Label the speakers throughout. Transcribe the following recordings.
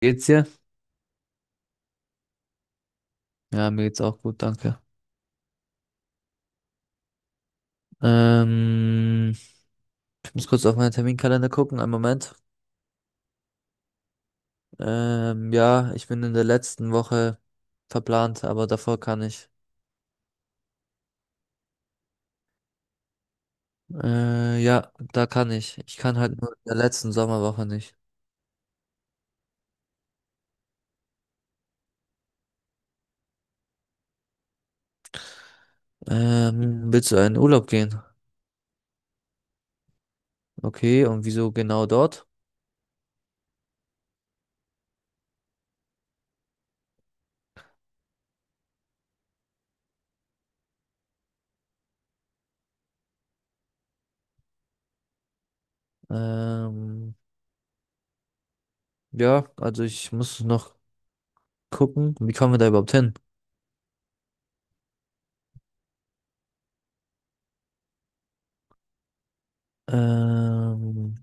Speaker 1: Geht's dir? Ja, mir geht's auch gut, danke. Ähm, Ich muss kurz auf meinen Terminkalender gucken, einen Moment. Ja, ich bin in der letzten Woche verplant, aber davor kann ich. Ja, da kann ich. Ich kann halt nur in der letzten Sommerwoche nicht. Willst du in Urlaub gehen? Okay, und wieso genau dort? Ähm, ja, also ich muss noch gucken, wie kommen wir da überhaupt hin? Ähm,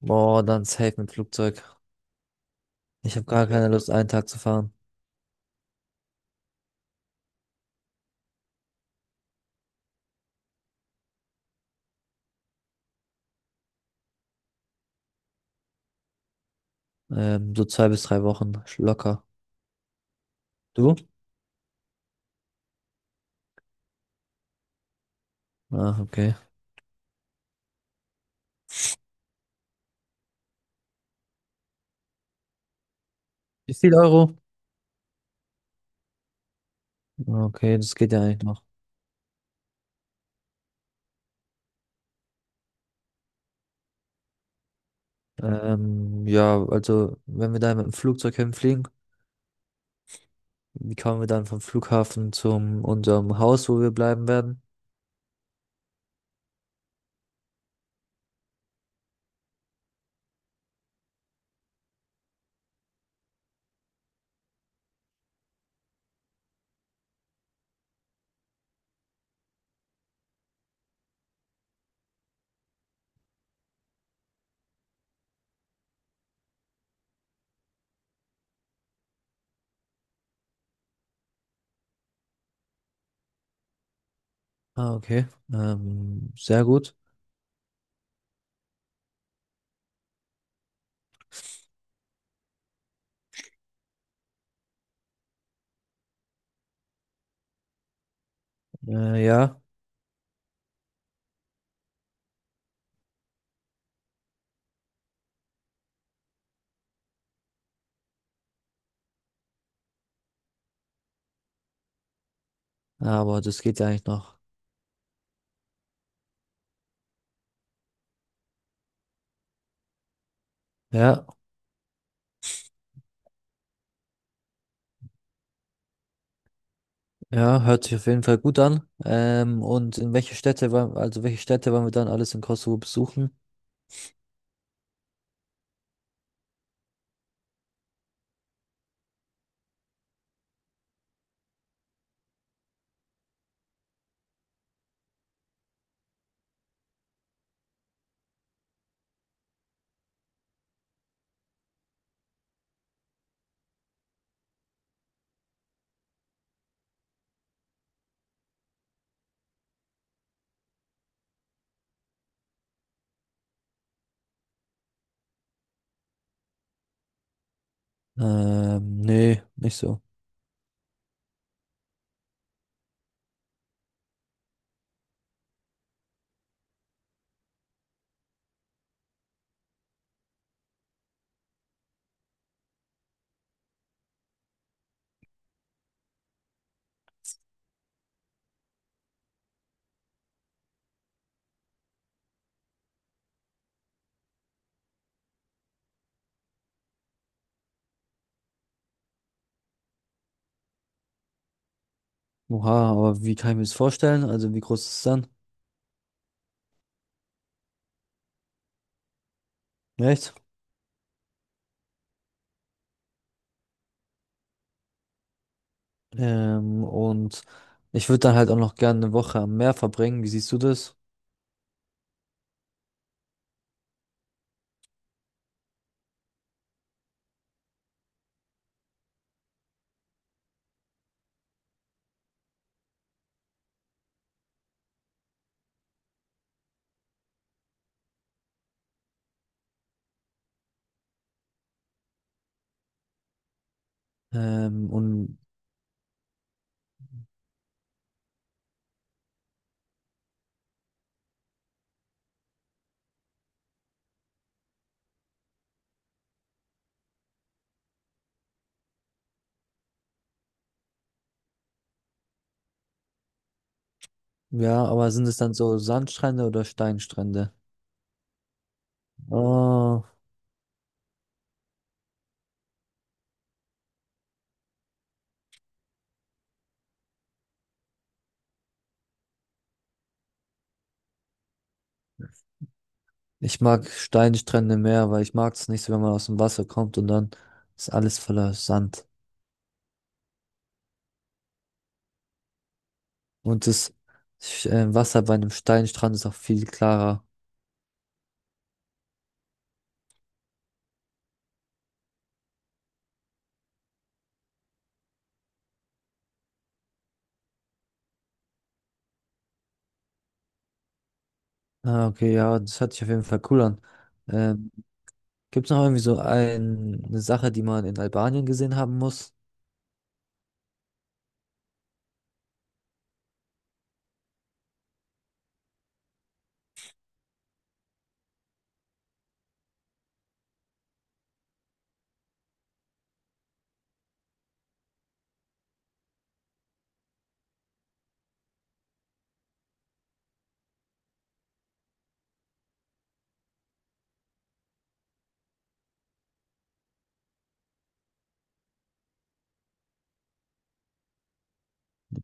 Speaker 1: Boah, dann safe mit Flugzeug. Ich habe gar keine Lust, einen Tag zu fahren. So zwei bis drei Wochen locker. Du? Ah, okay. Wie viel Euro? Ah, okay, das geht ja eigentlich noch. Ja, also wenn wir da mit dem Flugzeug hinfliegen, wie kommen wir dann vom Flughafen zum unserem Haus, wo wir bleiben werden? Ah, okay. Sehr gut. Ja, aber das geht ja eigentlich noch. Ja, ja, hört sich auf jeden Fall gut an. Und in welche also welche Städte wollen wir dann alles in Kosovo besuchen? Nee, nicht so. Oha, aber wie kann ich mir das vorstellen? Also wie groß ist es dann? Echt? Und ich würde dann halt auch noch gerne eine Woche am Meer verbringen. Wie siehst du das? Und ja, aber sind es dann so Sandstrände oder Steinstrände? Oh, ich mag Steinstrände mehr, weil ich mag es nicht so, wenn man aus dem Wasser kommt und dann ist alles voller Sand. Und das Wasser bei einem Steinstrand ist auch viel klarer. Ah, okay, ja, das hört sich auf jeden Fall cool an. Ähm, Gibt es noch irgendwie eine Sache, die man in Albanien gesehen haben muss?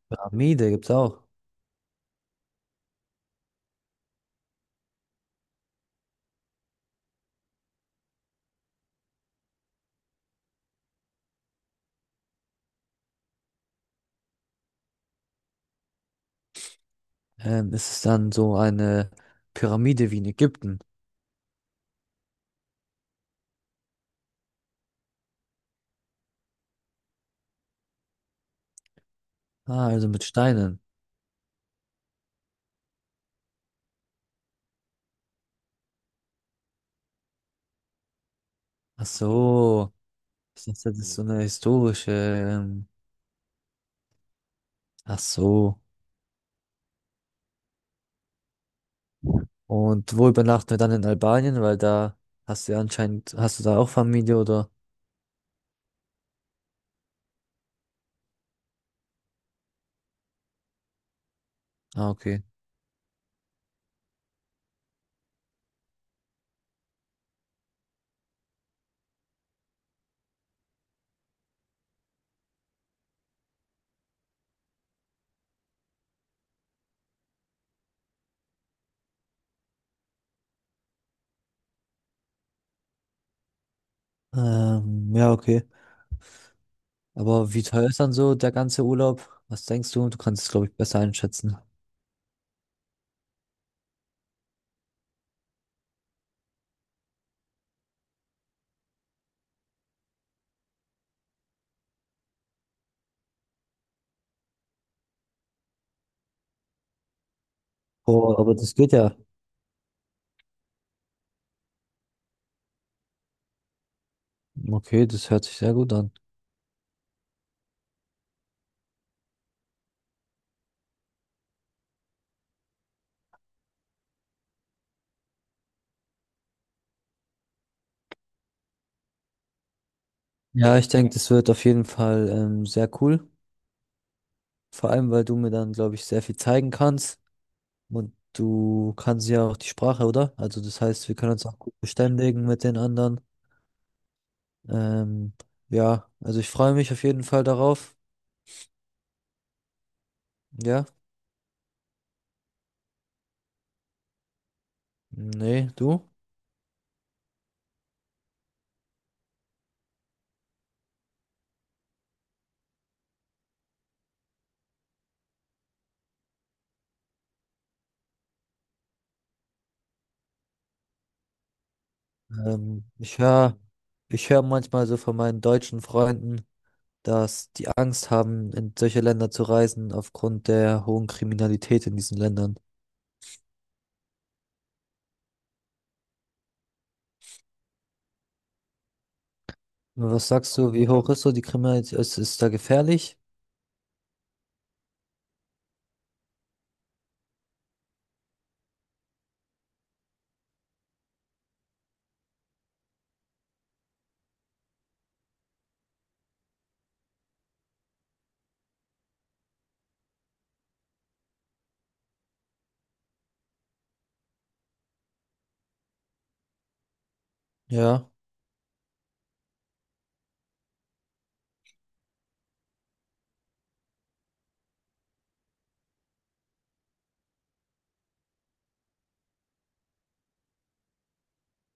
Speaker 1: Pyramide gibt es auch. Ist es dann so eine Pyramide wie in Ägypten? Ah, also mit Steinen. Ach so. Ich dachte, das ist so eine historische. Ach so. Und wo übernachten wir dann in Albanien? Weil da hast du da auch Familie oder? Ah, okay. Ja, okay. Aber wie teuer ist dann so der ganze Urlaub? Was denkst du? Du kannst es, glaube ich, besser einschätzen. Oh, aber das geht ja. Okay, das hört sich sehr gut an. Ja, ich denke, das wird auf jeden Fall sehr cool. Vor allem, weil du mir dann, glaube ich, sehr viel zeigen kannst. Und du kannst ja auch die Sprache, oder? Also das heißt, wir können uns auch gut verständigen mit den anderen. Ähm, ja, also ich freue mich auf jeden Fall darauf. Ja, nee, du? Ähm, ich höre, Ich höre manchmal so von meinen deutschen Freunden, dass die Angst haben, in solche Länder zu reisen, aufgrund der hohen Kriminalität in diesen Ländern. Was sagst du, wie hoch ist so die Kriminalität? Ist da gefährlich? Ja.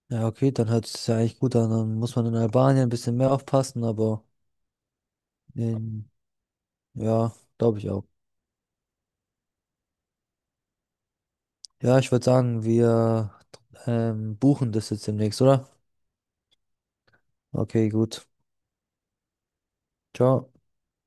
Speaker 1: Ja, okay, dann hört es ja eigentlich gut an. Dann muss man in Albanien ein bisschen mehr aufpassen, aber ähm, ja, glaube ich auch. Ja, ich würde sagen, wir buchen das jetzt demnächst, oder? Okay, gut. Ciao.